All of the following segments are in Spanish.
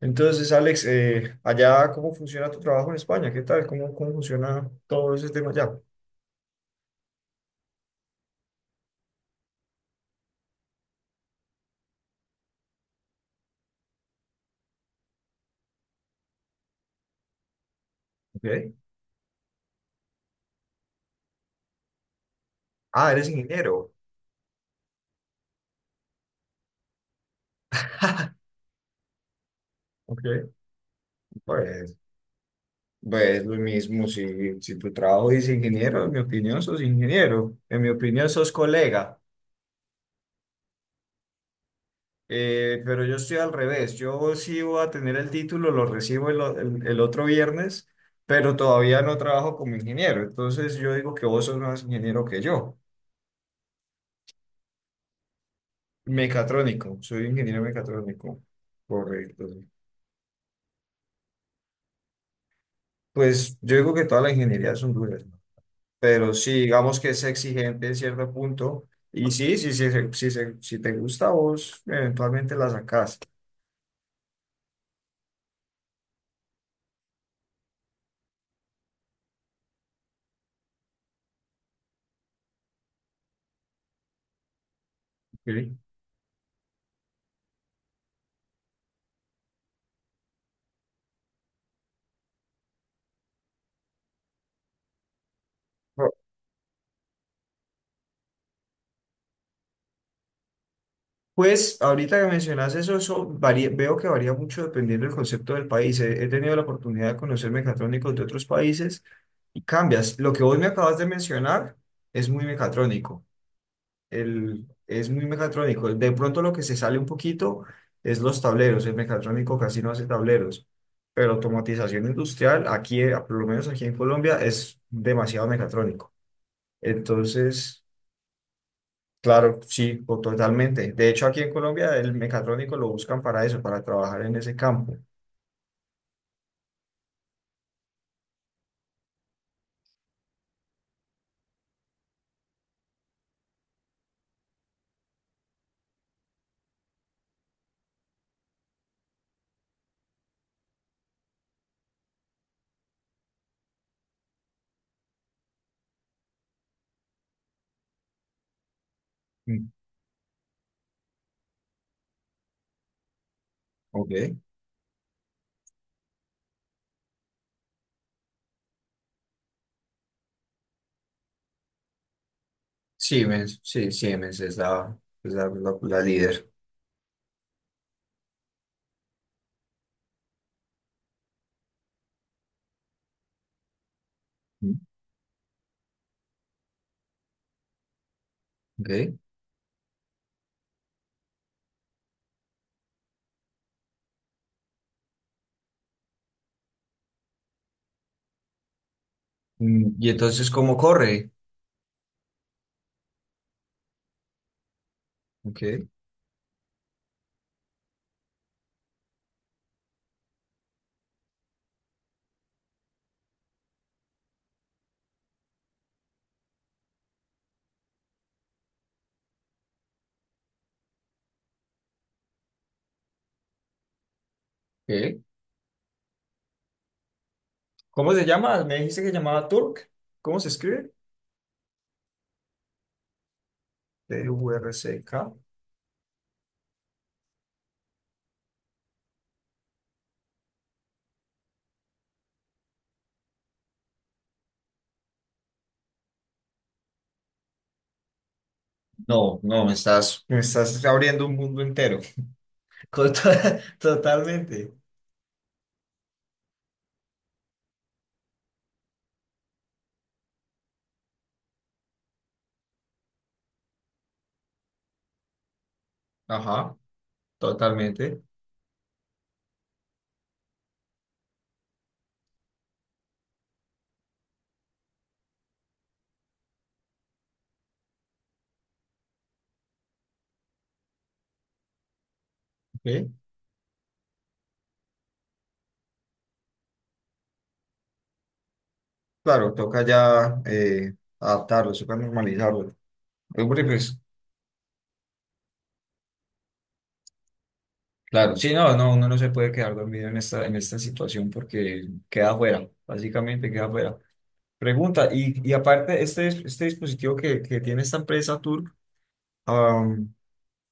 Entonces, Alex, allá, ¿cómo funciona tu trabajo en España? ¿Qué tal? ¿Cómo funciona todo ese tema allá? Ok. Ah, eres ingeniero. Ok. Pues, pues lo mismo, si tu trabajo dice ingeniero, en mi opinión sos ingeniero. En mi opinión sos colega. Pero yo estoy al revés. Yo sí voy a tener el título, lo recibo el, o- el el otro viernes, pero todavía no trabajo como ingeniero. Entonces, yo digo que vos sos más ingeniero que yo. Mecatrónico, soy ingeniero mecatrónico, correcto. Pues yo digo que todas las ingenierías son duras, ¿no? Pero sí, digamos que es exigente en cierto punto. Y sí, sí, sí, sí, sí, sí, si te gusta a vos, eventualmente la sacás. Sí. Pues ahorita que mencionas eso, veo que varía mucho dependiendo del concepto del país. He tenido la oportunidad de conocer mecatrónicos de otros países y cambias. Lo que vos me acabas de mencionar es muy mecatrónico. Es muy mecatrónico. De pronto lo que se sale un poquito es los tableros. El mecatrónico casi no hace tableros. Pero automatización industrial, aquí, por lo menos aquí en Colombia, es demasiado mecatrónico. Entonces, claro, sí, o totalmente. De hecho, aquí en Colombia el mecatrónico lo buscan para eso, para trabajar en ese campo. Mm. Ok. Siemens, sí, es la líder. Mm. Ok. Mm. Y entonces, ¿cómo corre? Ok. ¿Qué? ¿Cómo se llama? Me dijiste que llamaba Turk. ¿Cómo se escribe? TURCK. No, me estás abriendo un mundo entero. Co- to- Totalmente. Ajá, totalmente. Ok. Claro, toca ya adaptarlo, toca normalizarlo. Eh, porque, pues, claro, sí, no, no, uno no se puede quedar dormido en en esta situación porque queda fuera, básicamente queda fuera. Pregunta, y aparte, este dispositivo que tiene esta empresa Turk,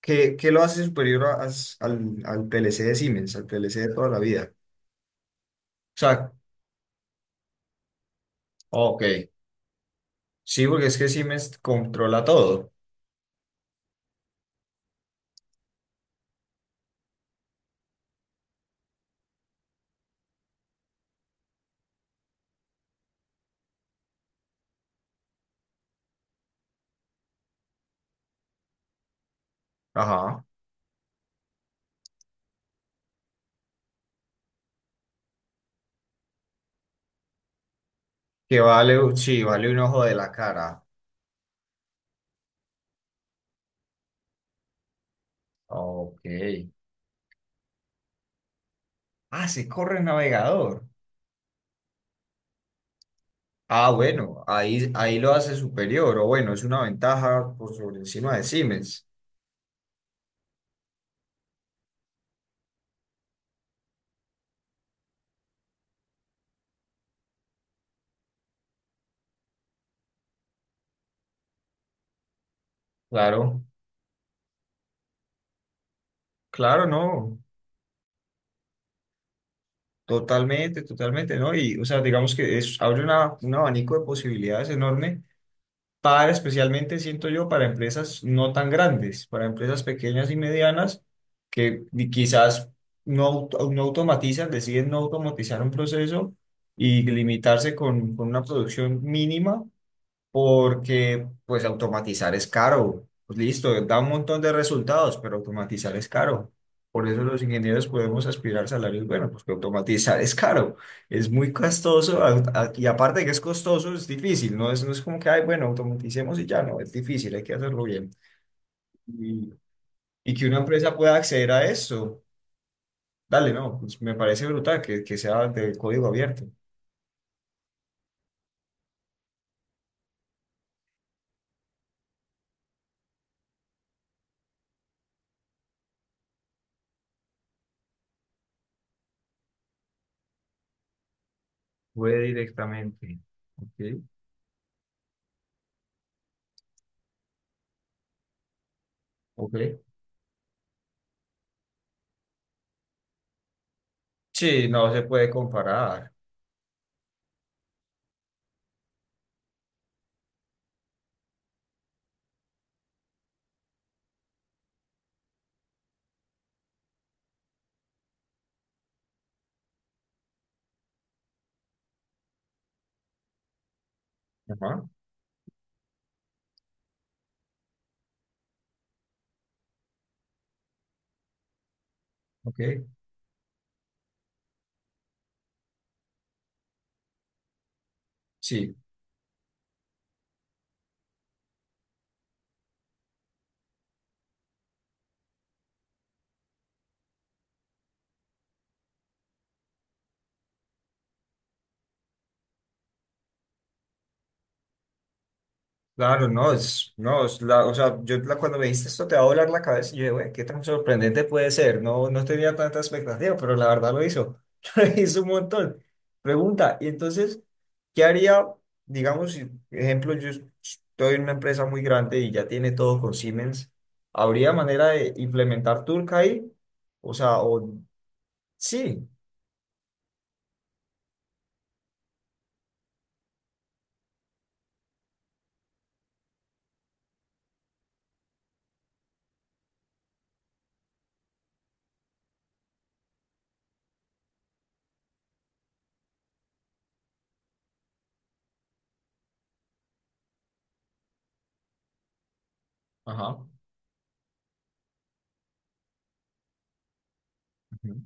¿qué lo hace superior al PLC de Siemens, al PLC de toda la vida? O sea, ok, sí, porque es que Siemens controla todo. Ajá. Sí, vale un ojo de la cara. Ok. Ah, se corre el navegador. Ah, bueno, ahí lo hace superior, o bueno, es una ventaja por sobre encima de Siemens. Claro, claro, no. Totalmente, totalmente, ¿no? Y, o sea, digamos que es, abre un abanico de posibilidades enorme para especialmente, siento yo, para empresas no tan grandes, para empresas pequeñas y medianas que ni- quizás no automatizan, deciden no automatizar un proceso y limitarse con una producción mínima porque pues automatizar es caro. Pues listo, da un montón de resultados, pero automatizar es caro. Por eso los ingenieros podemos aspirar salarios, bueno, pues que automatizar es caro, es muy costoso y aparte de que es costoso, es difícil, no es como que, ay, bueno, automaticemos y ya, no, es difícil, hay que hacerlo bien. Y, y que una empresa pueda acceder a eso, dale, no, pues me parece brutal que sea de código abierto. Puede directamente. Ok, ok. Sí, no se puede comparar. Ajá. Ok, sí, claro, no, es, no, es la, o sea, cuando me dijiste esto te va a volar la cabeza, y yo, dije, güey, qué tan sorprendente puede ser, no, no tenía tanta expectativa, pero la verdad lo hizo, lo hizo un montón. Pregunta, y entonces, ¿qué haría, digamos, si, ejemplo, yo estoy en una empresa muy grande y ya tiene todo con Siemens, ¿habría manera de implementar Turk ahí? O sea, o, sí, ajá, ujú,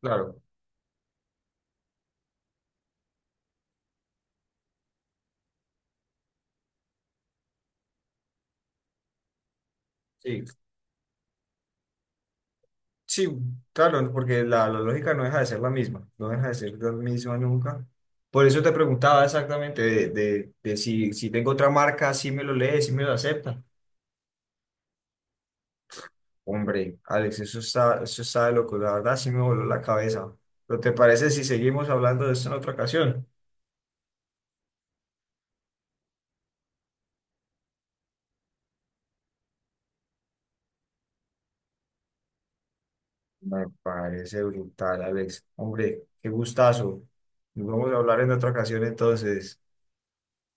claro, sí. Sí, claro, no, porque la lógica no deja de ser la misma, no deja de ser la misma nunca. Por eso te preguntaba exactamente de si, si tengo otra marca, si me lo lee, si me lo acepta. Hombre, Alex, eso está de loco, la verdad sí me voló la cabeza. ¿Pero te parece si seguimos hablando de esto en otra ocasión? Me parece brutal, Alex. Hombre, qué gustazo. Nos vamos a hablar en otra ocasión entonces.